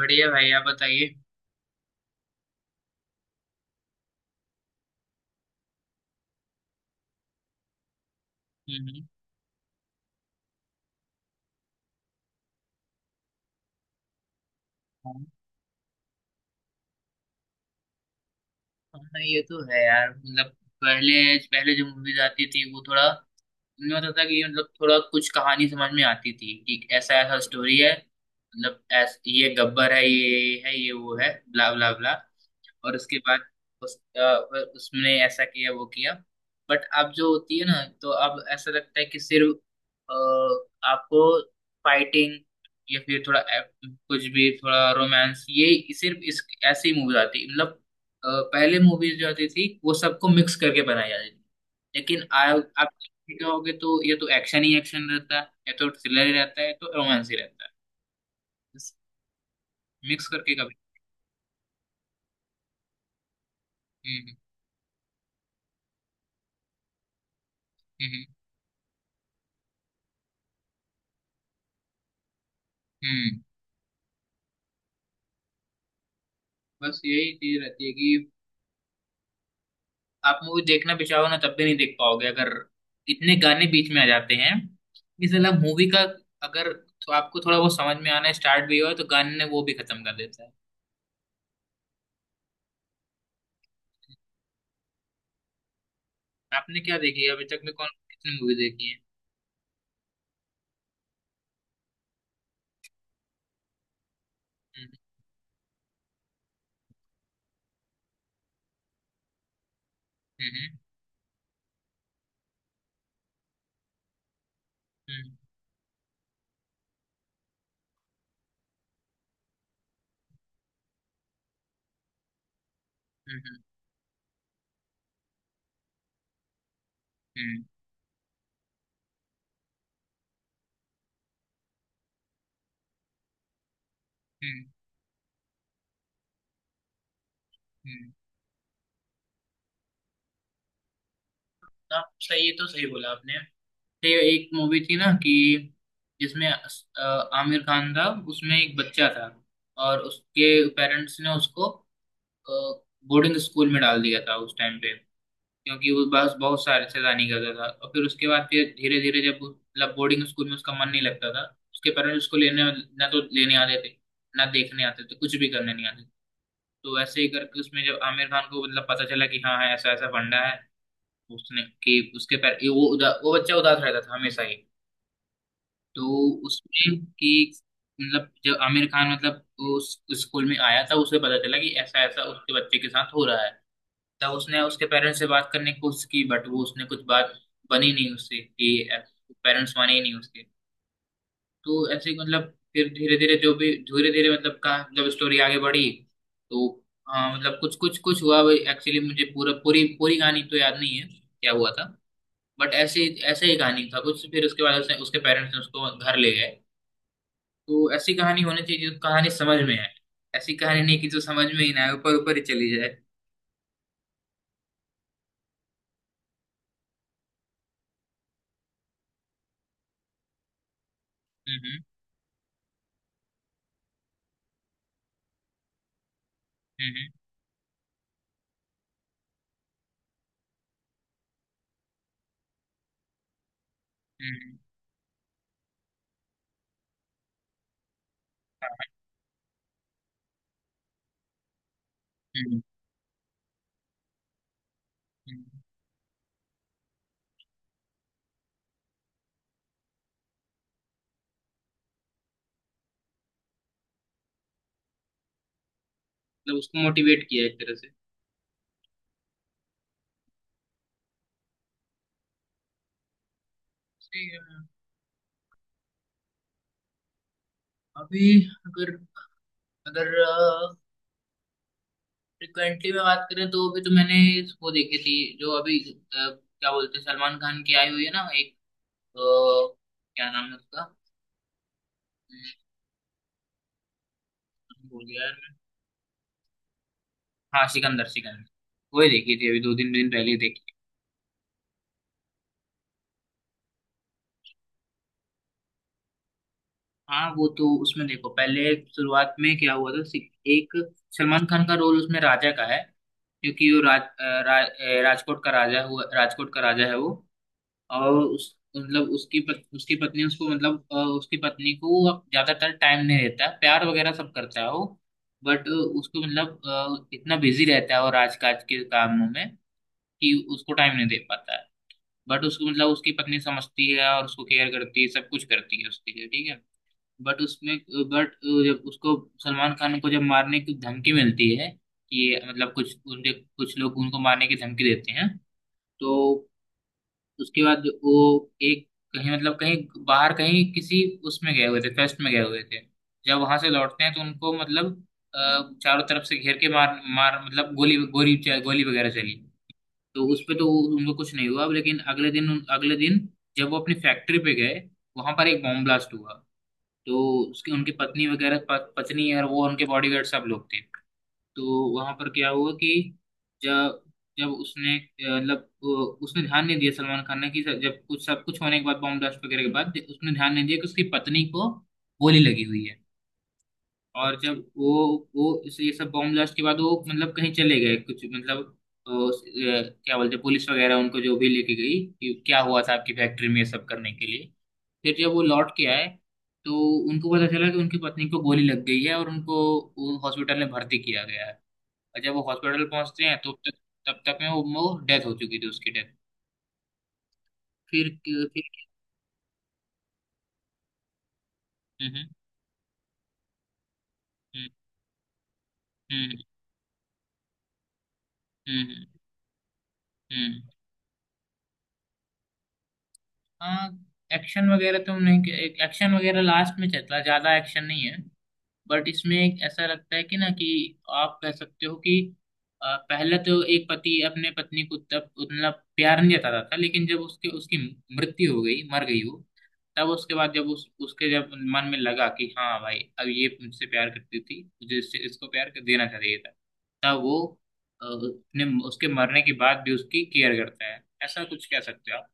बढ़िया भाई, आप बताइए। हम्म। हम्म। हाँ हाँ, ये तो है यार। मतलब पहले पहले जो मूवीज आती थी वो थोड़ा, उनमें होता था कि मतलब थोड़ा कुछ कहानी समझ में आती थी कि ऐसा ऐसा स्टोरी है। मतलब ये गब्बर है, ये है, ये वो है, ब्ला ब्ला ब्ला। और उसके बाद उसने ऐसा किया, वो किया। बट अब जो होती है ना, तो अब ऐसा लगता है कि सिर्फ अ, आपको फाइटिंग, या फिर थोड़ा कुछ भी, थोड़ा रोमांस, ये सिर्फ इस ऐसी मूवीज आती। मतलब अ, पहले मूवीज जो आती थी वो सबको मिक्स करके बनाई जाती थी। लेकिन आप देखोगे तो या तो एक्शन ही एक्शन रहता है, या तो थ्रिलर ही रहता है, या तो रोमांस ही रहता है, मिक्स करके कभी। हम्म। हम्म। हम्म। हम्म। बस यही चीज रहती है कि आप मूवी देखना भी चाहो ना, तब भी नहीं देख पाओगे अगर इतने गाने बीच में आ जाते हैं। इस अलावा मूवी का, अगर तो आपको थोड़ा बहुत समझ में आना स्टार्ट भी हुआ तो गाने ने वो भी खत्म कर देता है। आपने क्या देखी है अभी तक में? कौन कितनी मूवी देखी है? हम्म। हम्म। हम्म। हम्म। हम्म। हम्म। हम्म। हाँ, सही, ये तो सही बोला आपने। ये एक मूवी थी ना कि जिसमें आमिर खान था, उसमें एक बच्चा था, और उसके पेरेंट्स ने उसको बोर्डिंग स्कूल में डाल दिया था उस टाइम पे, क्योंकि वो बस बहुत सारे शैतानी करता था। और फिर उसके बाद फिर धीरे धीरे जब मतलब बोर्डिंग स्कूल में उसका मन नहीं लगता था, उसके पेरेंट्स उसको लेने ना तो लेने आते थे, ना देखने आते थे, कुछ भी करने नहीं आते। तो वैसे ही करके उसमें जब आमिर खान को मतलब पता चला कि हाँ, ऐसा ऐसा फंडा है, उसने कि उसके पैर ये वो वो बच्चा उदास रहता था हमेशा ही। तो उसमें कि मतलब जब आमिर खान मतलब उस स्कूल में आया था, उसे पता चला कि ऐसा ऐसा उसके बच्चे के साथ हो रहा है। तब उसने उसके पेरेंट्स से बात करने की कोशिश की, बट वो उसने कुछ बात बनी नहीं उससे कि पेरेंट्स माने ही नहीं उसके। तो ऐसे ही मतलब फिर धीरे धीरे जो भी धीरे धीरे मतलब कहा जब स्टोरी आगे बढ़ी, तो हाँ मतलब कुछ कुछ कुछ हुआ। एक्चुअली मुझे पूरा पूरी पूरी कहानी तो याद नहीं है क्या हुआ था। बट ऐसे ऐसे ही कहानी था कुछ, फिर उसके बाद उसने उसके पेरेंट्स ने उसको घर ले गए। तो ऐसी कहानी होनी चाहिए जो कहानी समझ में आए, ऐसी कहानी नहीं कि जो समझ में ही ना आए, ऊपर ऊपर ही चली जाए। हम्म। हम्म। हम्म। हम्म। हाँ, हम्म। हम्म। मतलब उसको मोटिवेट किया एक तरह से। ठीक है। अभी, अगर अगर फ्रिक्वेंटली में बात करें तो अभी तो मैंने वो देखी थी जो अभी क्या बोलते हैं, सलमान खान की आई हुई है ना एक, अ, क्या नाम है उसका? हम्म, भूल गया यार मैं। हाँ, सिकंदर सिकंदर। वही देखी थी, अभी दो तीन दिन पहले ही देखी। हाँ वो तो, उसमें देखो पहले शुरुआत में क्या हुआ था, एक सलमान खान का रोल उसमें राजा का है, क्योंकि वो राजकोट का राजा हुआ, राजकोट का राजा है वो। और उस मतलब उसकी उसकी पत्नी, उसको मतलब उसकी पत्नी को अब ज्यादातर टाइम नहीं देता है, प्यार वगैरह सब करता है वो, बट उसको मतलब इतना बिजी रहता है और आज काज के कामों में कि उसको टाइम नहीं दे पाता है। बट उसको मतलब उसकी पत्नी समझती है और उसको केयर करती है, सब कुछ करती है उसके लिए, ठीक है। बट उसमें, बट जब उसको सलमान खान को जब मारने की धमकी मिलती है, कि मतलब कुछ उनके कुछ लोग उनको मारने की धमकी देते हैं, तो उसके बाद वो एक कहीं मतलब कहीं बाहर कहीं किसी उसमें गए हुए थे, फेस्ट में गए हुए थे। जब वहां से लौटते हैं तो उनको मतलब अ, चारों तरफ से घेर के मार मार मतलब गोली गोली गोली वगैरह चली। तो उस पे तो उनको कुछ नहीं हुआ, लेकिन अगले दिन, अगले दिन जब वो अपनी फैक्ट्री पे गए, वहां पर एक बॉम्ब ब्लास्ट हुआ। तो उसके उनकी पत्नी वगैरह, पत्नी और वो उनके बॉडीगार्ड सब लोग थे। तो वहां पर क्या हुआ कि जब जब उसने मतलब उसने ध्यान नहीं दिया, सलमान खान ने, कि जब जब कुछ सब कुछ होने के बाद, बॉम्ब ब्लास्ट वगैरह के बाद, उसने ध्यान नहीं दिया कि उसकी पत्नी को गोली लगी हुई है। और जब वो इस ये सब बॉम्ब ब्लास्ट के बाद वो मतलब कहीं चले गए कुछ मतलब क्या बोलते हैं, पुलिस वगैरह उनको जो भी लेके गई कि क्या हुआ था आपकी फैक्ट्री में ये सब करने के लिए। फिर जब वो लौट के आए तो उनको पता चला कि उनकी पत्नी को गोली लग गई है और उनको हॉस्पिटल में भर्ती किया गया है। और जब वो हॉस्पिटल पहुंचते हैं तो तब तब तक में वो डेथ हो चुकी थी, उसकी डेथ। फिर फिर। हम्म। हम्म। हम्म। हम्म। हम्म। हाँ, एक्शन वगैरह तो नहीं, एक्शन वगैरह लास्ट में चलता, ज्यादा एक्शन नहीं है। बट इसमें एक ऐसा लगता है कि ना, कि आप कह सकते हो कि पहले तो एक पति अपने पत्नी को तब उतना प्यार नहीं जताता था, लेकिन जब उसके उसकी मृत्यु हो गई, मर गई वो, तब उसके बाद जब उस उसके जब मन में लगा कि हाँ भाई, अब ये मुझसे प्यार करती थी, मुझे इससे इसको प्यार कर देना चाहिए था, तब वो अपने उसके मरने के बाद भी उसकी केयर करता है, ऐसा कुछ कह सकते हो आप।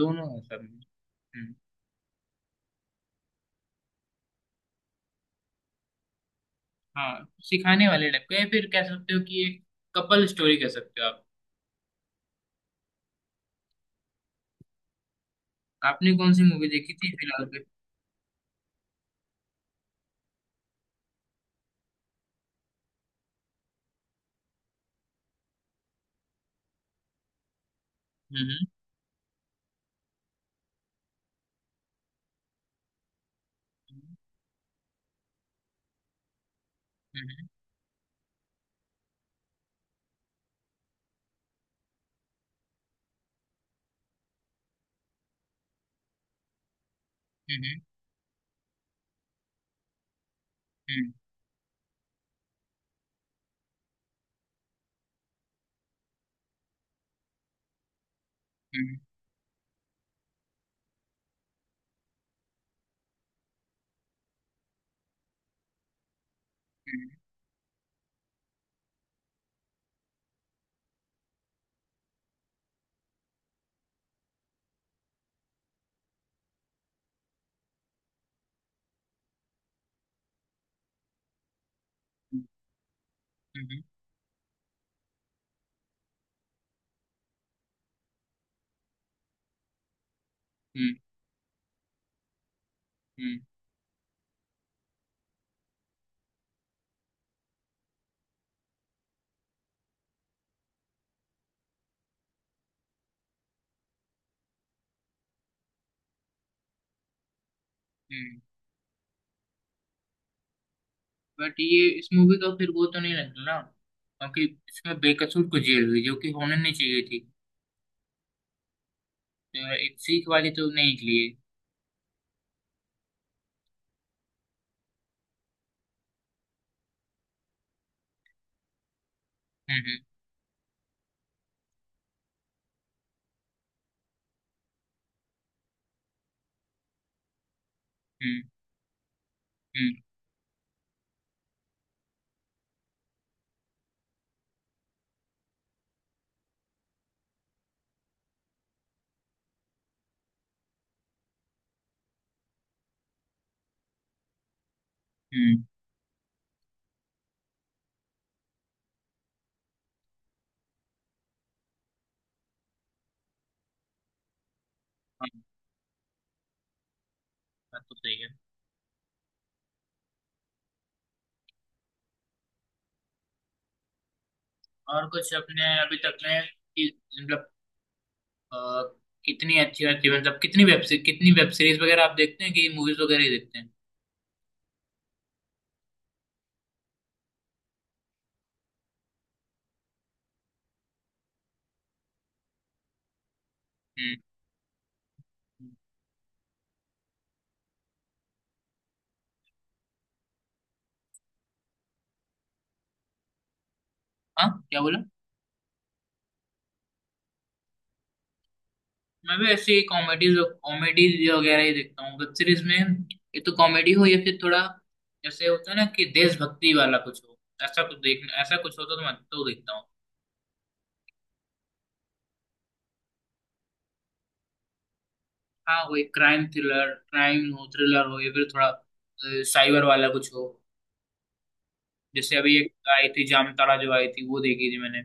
दोनों है सब में। हम्म, हाँ, सिखाने वाले टाइप का, या फिर कह सकते हो कि ये कपल स्टोरी कह सकते हो आप। आपने कौन सी मूवी देखी थी फिलहाल पे? हम्म। हम्म। हम्म। हम्म। हम्म। हम्म। हम्म। हम्म। हम्म। बट ये इस मूवी का फिर वो तो नहीं लगता ना, क्योंकि इसमें बेकसूर को जेल हुई जो कि होने नहीं चाहिए थी, तो एक सीख वाली तो नहीं निकली है। हम्म। हम्म। हम्म। हम्म। हाँ, बात तो सही है। और कुछ अपने अभी तक में कि मतलब अ, कितनी अच्छी अच्छी, मतलब कितनी वेब सीरीज वगैरह आप देखते हैं, कि मूवीज वगैरह ही देखते हैं? हम्म। हम्म। हाँ, क्या बोला? मैं भी ऐसे ही कॉमेडीज कॉमेडीज वगैरह ही देखता हूँ वेब सीरीज में। ये तो कॉमेडी हो या फिर थोड़ा जैसे होता है ना, कि देशभक्ति वाला कुछ हो, ऐसा कुछ देखना, ऐसा कुछ होता तो मैं तो देखता हूँ। हाँ वही, क्राइम थ्रिलर, क्राइम हो, थ्रिलर हो, या फिर थोड़ा साइबर वाला कुछ हो। जैसे अभी एक आई थी जामताड़ा, जो आई थी, वो देखी थी मैंने।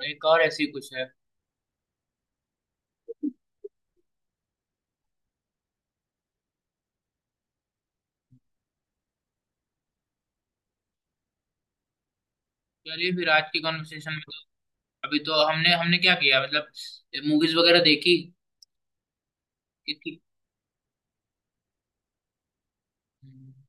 और एक और ऐसी कुछ है। चलिए, फिर आज की कॉन्वर्सेशन में तो, अभी तो हमने हमने क्या किया, मतलब मूवीज वगैरह देखी। कि, कि।